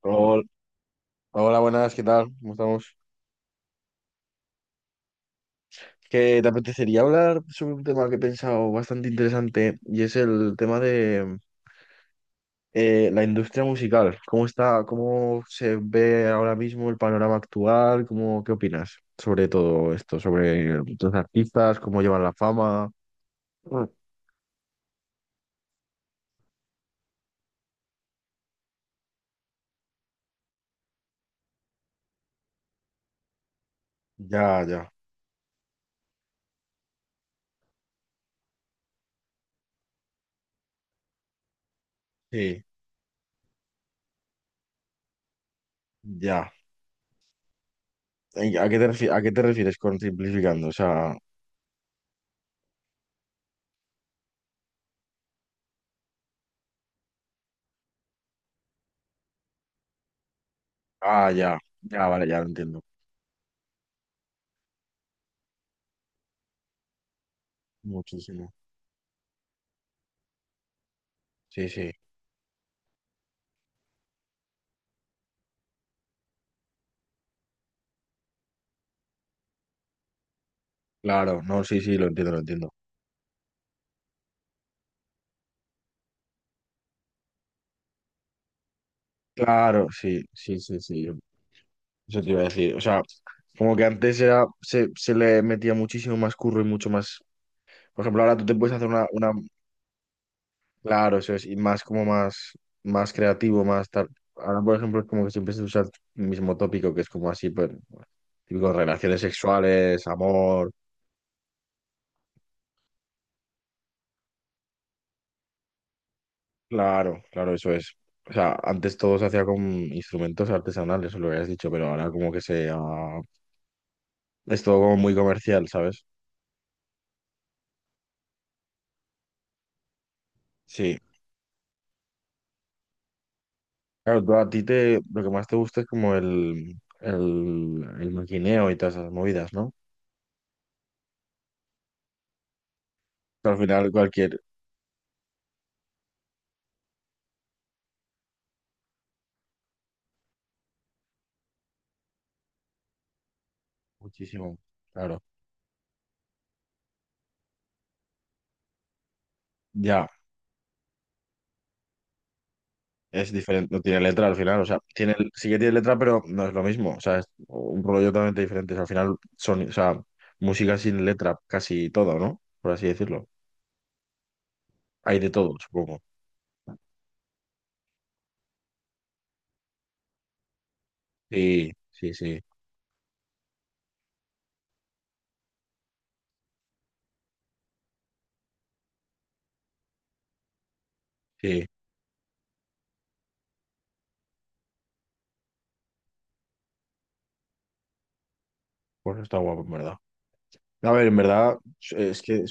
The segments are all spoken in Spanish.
Hola, hola, buenas, ¿qué tal? ¿Cómo estamos? Que te apetecería hablar sobre un tema que he pensado bastante interesante y es el tema de la industria musical. ¿Cómo está, cómo se ve ahora mismo el panorama actual? ¿Cómo, qué opinas sobre todo esto? Sobre los artistas, cómo llevan la fama. Mm. Ya, ya, sí, ya. ¿A qué te a qué te refieres con simplificando? O sea, ah, ya, ya, vale, ya lo entiendo. Muchísimo. Sí, sí. Claro, no, sí, sí, lo entiendo, lo entiendo. Claro, sí, sí, sí, sí. Eso te iba a decir. O sea, como que antes era, se le metía muchísimo más curro y mucho más. Por ejemplo, ahora tú te puedes hacer una, claro, eso es, y más como más, más creativo, más tal. Ahora, por ejemplo, es como que siempre se usa el mismo tópico, que es como así, pues, típico relaciones sexuales, amor. Claro, claro, eso es. O sea, antes todo se hacía con instrumentos artesanales, eso lo habías dicho, pero ahora como que es todo como muy comercial, ¿sabes? Sí, claro, a ti te, lo que más te gusta es como el maquineo y todas esas movidas, ¿no? Pero al final cualquier, muchísimo, claro, ya, es diferente, no tiene letra al final, o sea, tiene, sí que tiene letra, pero no es lo mismo, o sea, es un rollo totalmente diferente, o sea, al final son, o sea, música sin letra casi todo, ¿no? Por así decirlo, hay de todo, supongo. Sí, sí, sí, sí, pues está guapo, en verdad. A ver, en verdad, es que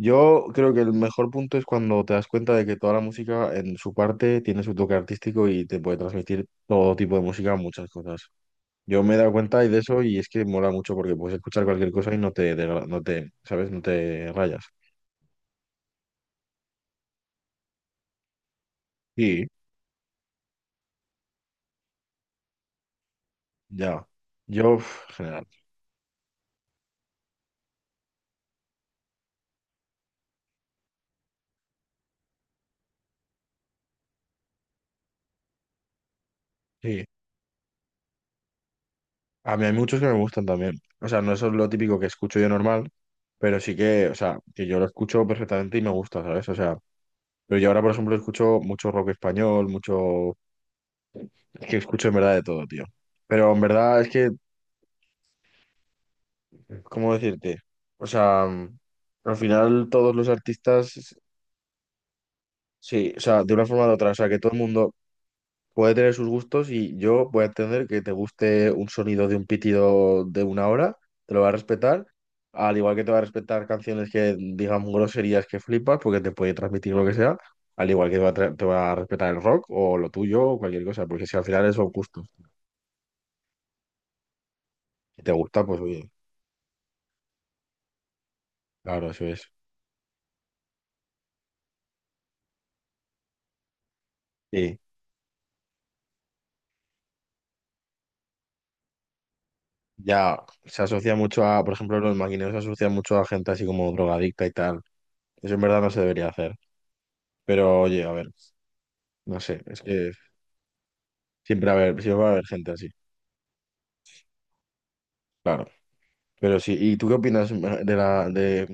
yo creo que el mejor punto es cuando te das cuenta de que toda la música en su parte tiene su toque artístico y te puede transmitir todo tipo de música, muchas cosas. Yo me he dado cuenta y de eso y es que mola mucho porque puedes escuchar cualquier cosa y no te, no te, ¿sabes? No te rayas. Sí. Ya. Yo, uf, general. Sí. A mí hay muchos que me gustan también. O sea, no es lo típico que escucho yo normal, pero sí que, o sea, que yo lo escucho perfectamente y me gusta, ¿sabes? O sea, pero yo ahora, por ejemplo, escucho mucho rock español, mucho. Es que escucho en verdad de todo, tío. Pero en verdad es que, ¿cómo decirte? O sea, al final todos los artistas, sí, o sea, de una forma u otra, o sea, que todo el mundo puede tener sus gustos y yo voy a entender que te guste un sonido de un pitido de una hora, te lo va a respetar, al igual que te va a respetar canciones que digan groserías que flipas porque te puede transmitir lo que sea, al igual que te va a, te va a respetar el rock o lo tuyo o cualquier cosa, porque si al final son gustos, si te gusta, pues oye, claro, eso es. Sí. Ya se asocia mucho a, por ejemplo, los maquineros se asocian mucho a gente así como drogadicta y tal. Eso en verdad no se debería hacer. Pero oye, a ver, no sé, es que siempre va a haber, siempre va a haber gente así, claro. Pero sí, ¿y tú qué opinas de de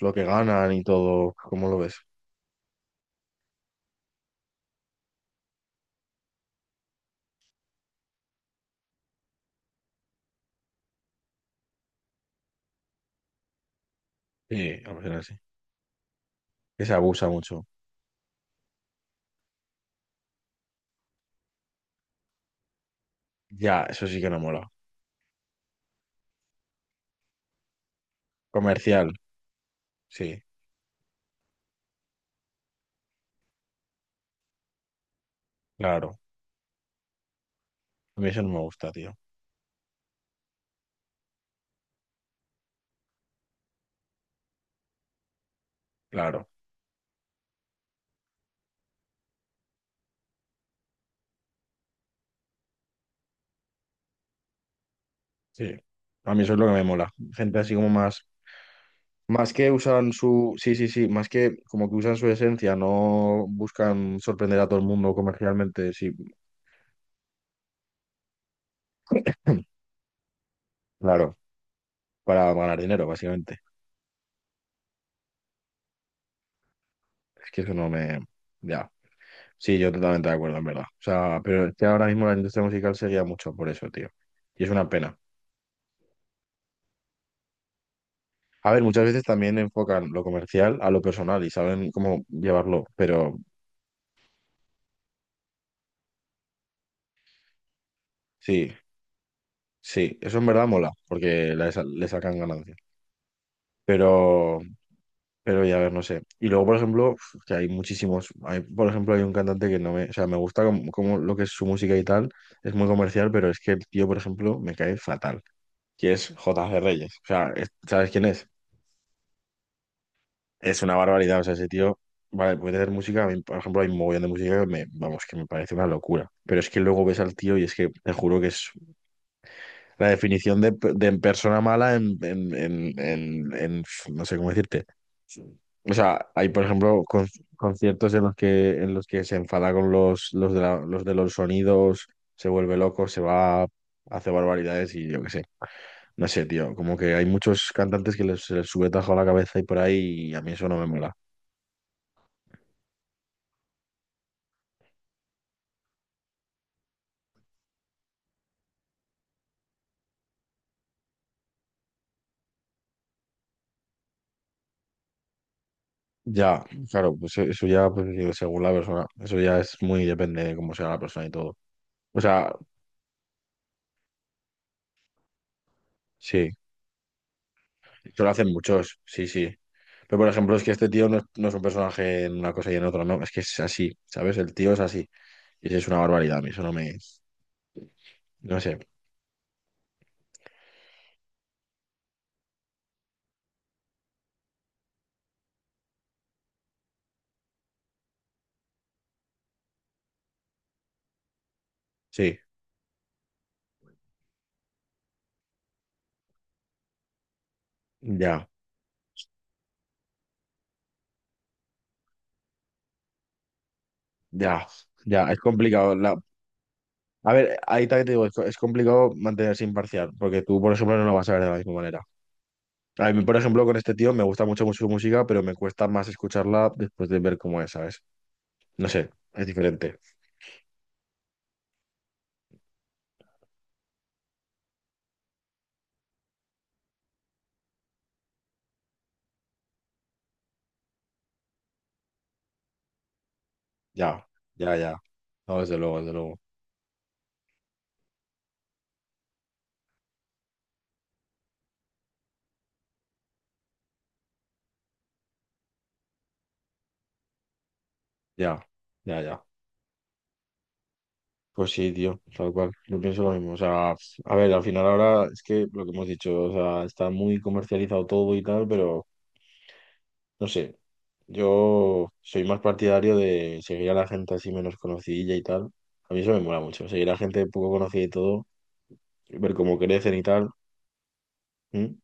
lo que ganan y todo? ¿Cómo lo ves? Sí, a ver, así. Que se abusa mucho. Ya, eso sí que no mola. Comercial, sí, claro. A mí eso no me gusta, tío. Claro, sí. A mí eso es lo que me mola. Gente así como más. Más que usan su, sí, sí, sí, más que como que usan su esencia, no buscan sorprender a todo el mundo comercialmente, sí, claro, para ganar dinero, básicamente. Es que eso no me, ya, sí, yo totalmente de acuerdo, en verdad. O sea, pero es que ahora mismo la industria musical se guía mucho por eso, tío. Y es una pena. A ver, muchas veces también enfocan lo comercial a lo personal y saben cómo llevarlo, pero sí, sí, eso en verdad mola, porque le, le sacan ganancia. Pero... pero ya, a ver, no sé. Y luego, por ejemplo, uf, que hay muchísimos. Hay, por ejemplo, hay un cantante que no me. O sea, me gusta como, como lo que es su música y tal. Es muy comercial, pero es que el tío, por ejemplo, me cae fatal. Que es J.G. Reyes. O sea, ¿sabes quién es? Es una barbaridad. O sea, ese tío. Vale, puede hacer música. A mí, por ejemplo, hay un mogollón de música que me. Vamos, que me parece una locura. Pero es que luego ves al tío y es que te juro que es la definición de persona mala en. No sé cómo decirte. O sea, hay, por ejemplo, conciertos en los que se enfada con los de los de los sonidos, se vuelve loco, se va, hace barbaridades y yo qué sé. No sé, tío, como que hay muchos cantantes que les, se les sube tajo a la cabeza y por ahí y a mí eso no me mola. Ya, claro, pues e, eso ya, pues, digo, según la persona, eso ya es muy depende de cómo sea la persona y todo. O sea, sí, eso lo hacen muchos, sí, sí. Pero por ejemplo, es que este tío no es, no es un personaje en una cosa y en otra, no, es que es así, ¿sabes? El tío es así. Sí, sí, es una barbaridad, a mí eso no me... No sé, sí, ya, ya, ya, es complicado. La... a ver, ahí también te digo, es, es complicado mantenerse imparcial, porque tú, por ejemplo, no lo vas a ver de la misma manera. A mí, por ejemplo, con este tío me gusta mucho, mucho su música, pero me cuesta más escucharla después de ver cómo es, ¿sabes? No sé, es diferente. Ya, ya, ya. No, desde luego, desde luego. Ya, ya, ya. Pues sí, tío, tal cual. Yo pienso lo mismo. O sea, a ver, al final ahora es que lo que hemos dicho, o sea, está muy comercializado todo y tal, pero... no sé, yo soy más partidario de seguir a la gente así menos conocidilla y tal. A mí eso me mola mucho, seguir a gente poco conocida y todo, ver cómo crecen y tal. ¿Mm?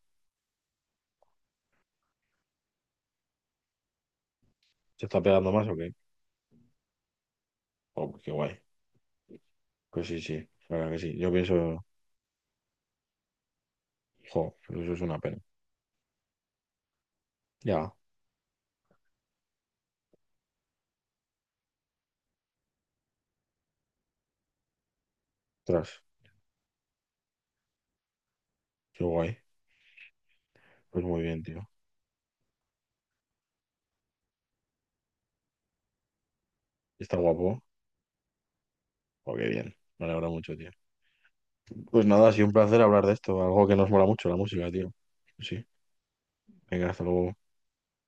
¿Se está pegando más o qué? Oh, pues qué guay. Pues sí, sí, la verdad que sí. Yo pienso, jo, pues eso es una pena. Ya, tras, qué guay. Pues muy bien, tío. ¿Está guapo? Oh, qué bien. Me alegra mucho, tío. Pues nada, ha sido un placer hablar de esto, algo que nos mola mucho, la música, tío. Pues sí. Venga, hasta luego.